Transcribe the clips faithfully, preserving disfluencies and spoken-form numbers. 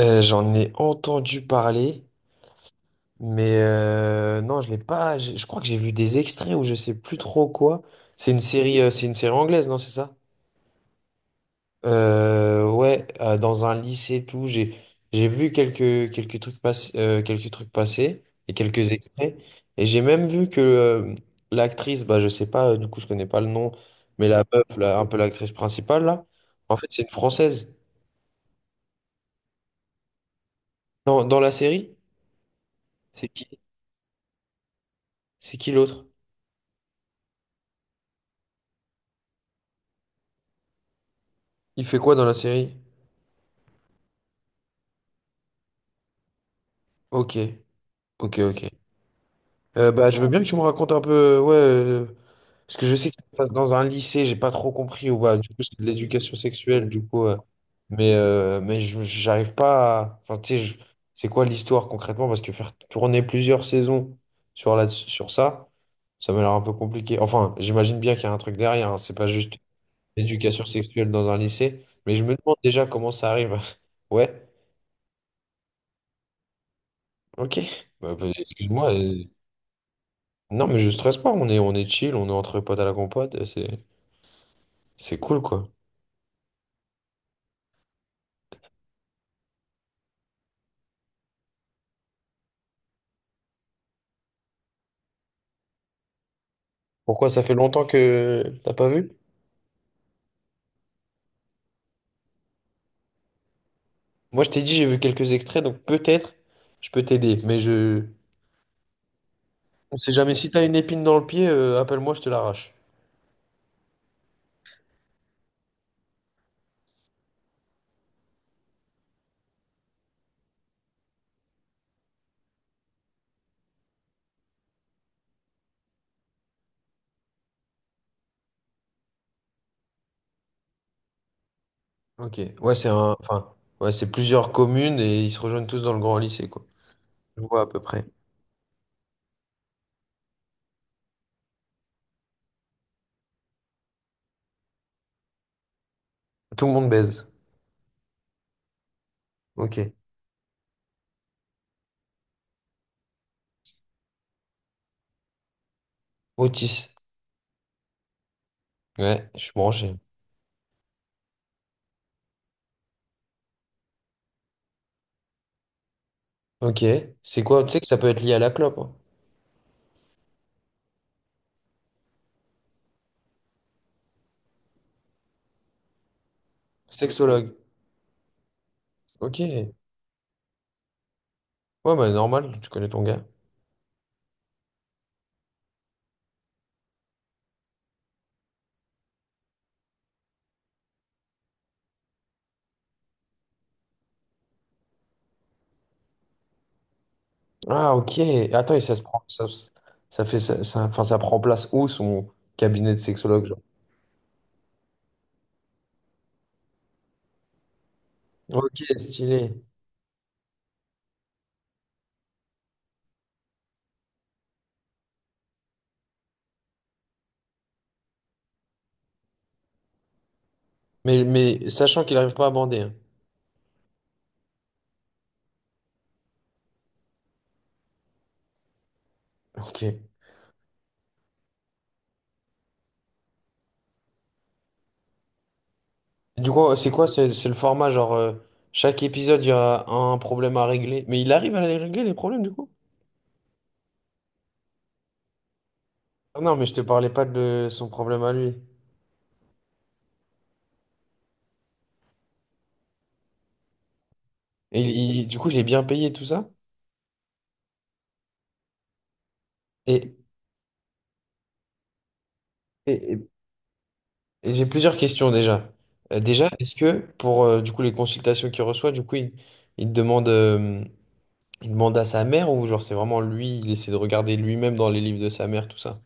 Euh, j'en ai entendu parler, mais euh, non, je l'ai pas. Je, je crois que j'ai vu des extraits ou je sais plus trop quoi. C'est une série, euh, c'est une série anglaise, non, c'est ça? Euh, ouais, euh, dans un lycée, et tout. J'ai, j'ai vu quelques, quelques trucs passer, quelques trucs passer et quelques extraits. Et j'ai même vu que euh, l'actrice, bah, je sais pas, euh, du coup, je connais pas le nom, mais la meuf, là, un peu l'actrice principale là, en fait, c'est une Française. Dans, dans la série, c'est qui? C'est qui l'autre? Il fait quoi dans la série? Ok, ok, ok. Euh, bah, je veux bien que tu me racontes un peu, euh, ouais, euh, parce que je sais que ça se passe dans un lycée, j'ai pas trop compris, ou bah, du coup, c'est de l'éducation sexuelle, du coup, euh, mais, euh, mais je- j'arrive pas à... Enfin, tu sais, je- c'est quoi l'histoire concrètement? Parce que faire tourner plusieurs saisons sur, là, sur ça, ça m'a l'air un peu compliqué. Enfin, j'imagine bien qu'il y a un truc derrière, hein, c'est pas juste l'éducation sexuelle dans un lycée, mais je me demande déjà comment ça arrive. Ouais, ok. Bah, bah, excuse-moi. euh, Non, mais je stresse pas, on est, on est chill, on est entre potes à la compote, euh, c'est, c'est cool quoi. Pourquoi ça fait longtemps que t'as pas vu? Moi je t'ai dit j'ai vu quelques extraits, donc peut-être je peux t'aider, mais je... On sait jamais, si t'as une épine dans le pied, euh, appelle-moi, je te l'arrache. Ok, ouais c'est un... Enfin, ouais c'est plusieurs communes et ils se rejoignent tous dans le grand lycée quoi. Je vois à peu près. Tout le monde baise. Ok. Otis. Ouais, je suis branché. Ok, c'est quoi? Tu sais que ça peut être lié à la clope, hein. Sexologue. Ok. Ouais, bah normal, tu connais ton gars. Ah, ok. Attends, et ça se prend. Ça, ça fait ça, ça- enfin, ça prend place où son cabinet de sexologue, genre? Ok, stylé. Mais, mais sachant qu'il n'arrive pas à bander. Hein. Ok. Du coup, c'est quoi? C'est c'est le format, genre, euh, chaque épisode, il y a un problème à régler. Mais il arrive à les régler, les problèmes, du coup? Ah non, mais je te parlais pas de son problème à lui. Et il- il- du coup, il est bien payé, tout ça. Et, et- et- et j'ai plusieurs questions déjà. Euh, déjà, est-ce que pour euh, du coup les consultations qu'il reçoit, du coup, il, il te demande. euh, Il demande à sa mère ou genre c'est vraiment lui, il essaie de regarder lui-même dans les livres de sa mère, tout ça.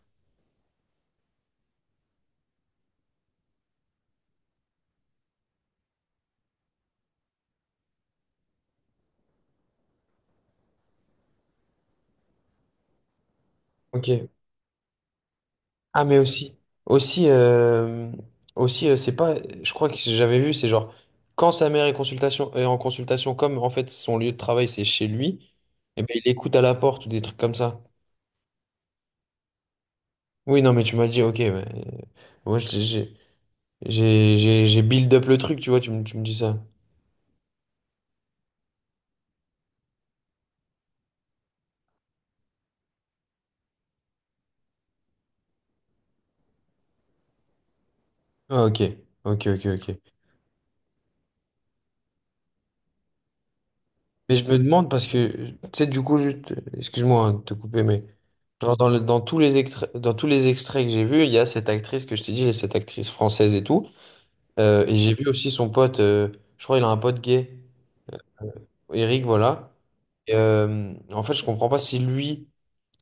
Ok. Ah mais aussi, aussi, euh, aussi euh, c'est pas, je crois que j'avais vu, c'est genre quand sa mère est, consultation, est en consultation, comme en fait son lieu de travail c'est chez lui, et ben il écoute à la porte ou des trucs comme ça. Oui non mais tu m'as dit ok, ouais, euh, moi j'ai j'ai j'ai j'ai- j'ai build up le truc, tu vois, tu me tu me dis ça. Ah, ok, ok, ok, ok. Mais je me demande parce que, tu sais, du coup, juste, excuse-moi hein, de te couper, mais genre dans, le- dans tous les extraits, dans tous les extraits que j'ai vus, il y a cette actrice que je t'ai dit, cette actrice française et tout. Euh, et j'ai vu aussi son pote, euh, je crois il a un pote gay, Eric, voilà. Et, euh, en fait, je comprends pas si lui,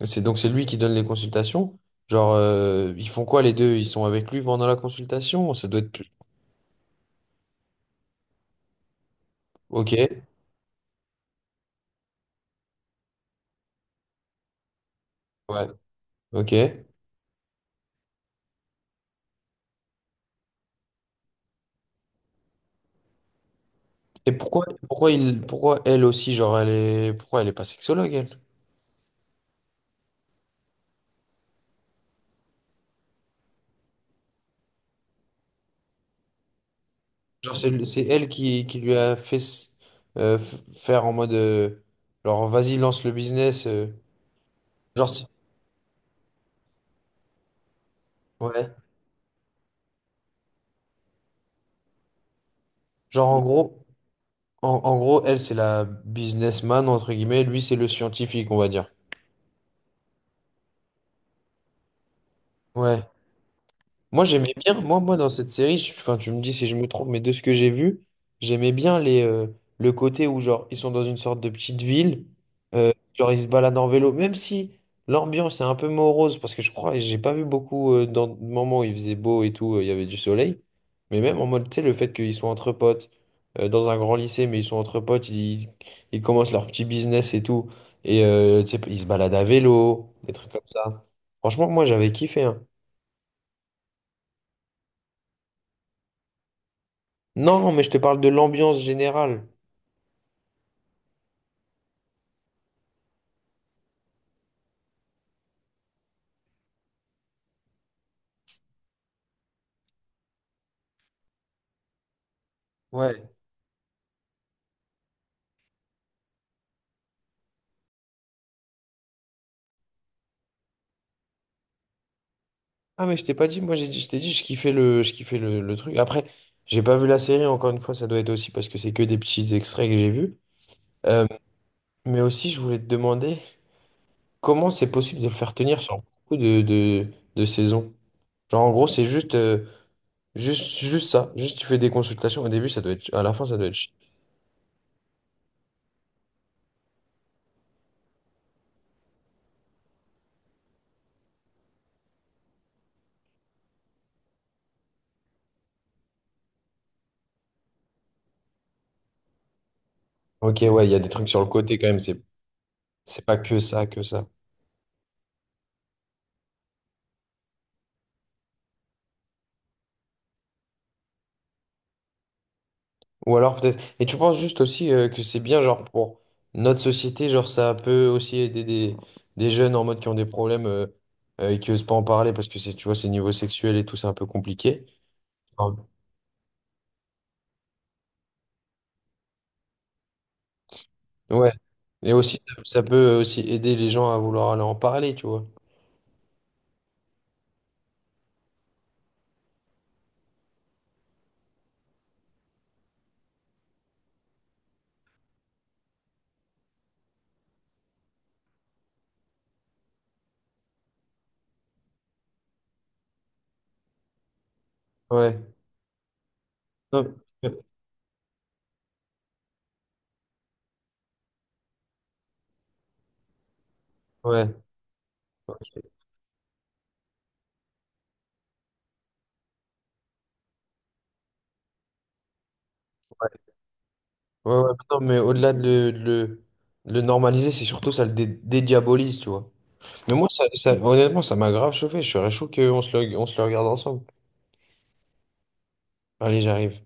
c'est donc c'est lui qui donne les consultations. Genre, euh, ils font quoi les deux? Ils sont avec lui pendant la consultation? Ça doit être plus. Ok, ouais, ok. Et pourquoi, pourquoi il, pourquoi elle aussi, genre, elle est, pourquoi elle est pas sexologue, elle? Genre, c'est c'est elle qui, qui lui a fait s- euh, f- faire en mode euh, genre vas-y lance le business euh, genre c'est- ouais genre en gros en, en gros elle c'est la businessman entre guillemets lui c'est le scientifique on va dire ouais. Moi, j'aimais bien, moi, moi, dans cette série, je- enfin, tu me dis si je me trompe, mais de ce que j'ai vu, j'aimais bien les, euh, le côté où, genre, ils sont dans une sorte de petite ville, euh, genre, ils se baladent en vélo, même si l'ambiance est un peu morose, parce que je crois, et j'ai pas vu beaucoup euh, dans le moment où il faisait beau et tout, euh, il y avait du soleil, mais même en mode, tu sais, le fait qu'ils soient entre potes, euh, dans un grand lycée, mais ils sont entre potes, ils, ils commencent leur petit business et tout, et euh, tu sais, ils se baladent à vélo, des trucs comme ça. Franchement, moi, j'avais kiffé, hein. Non, mais je te parle de l'ambiance générale. Ouais. Ah, mais je t'ai pas dit, moi j'ai dit, je t'ai dit, je kiffais le, je kiffais le, le truc. Après, j'ai pas vu la série, encore une fois, ça doit être aussi parce que c'est que des petits extraits que j'ai vus. Euh, mais aussi, je voulais te demander comment c'est possible de le faire tenir sur beaucoup de, de, de saisons. Genre, en gros, c'est juste, euh, juste, juste ça. Juste, tu fais des consultations. Au début, ça doit être, à la fin, ça doit être. ch- Ok, ouais, il y a des trucs sur le côté quand même. C'est, c'est pas que ça, que ça. Ou alors peut-être. Et tu penses juste aussi euh, que c'est bien, genre, pour notre société, genre, ça peut aussi aider des, des jeunes en mode qui ont des problèmes euh, euh, et qui osent pas en parler parce que c'est, tu vois, c'est niveau sexuel et tout, c'est un peu compliqué. Ah. Ouais. Et aussi, ça ça peut aussi aider les gens à vouloir aller en parler, tu vois. Ouais. Non, euh, Ouais. Ok. Ouais. Ouais, ouais, non, mais au-delà de le, de le, de le normaliser, c'est surtout ça le dé- dédiabolise, tu vois. Mais moi, ça, ça- honnêtement, ça m'a grave chauffé. Je serais chaud qu'on se le, on se le regarde ensemble. Allez, j'arrive.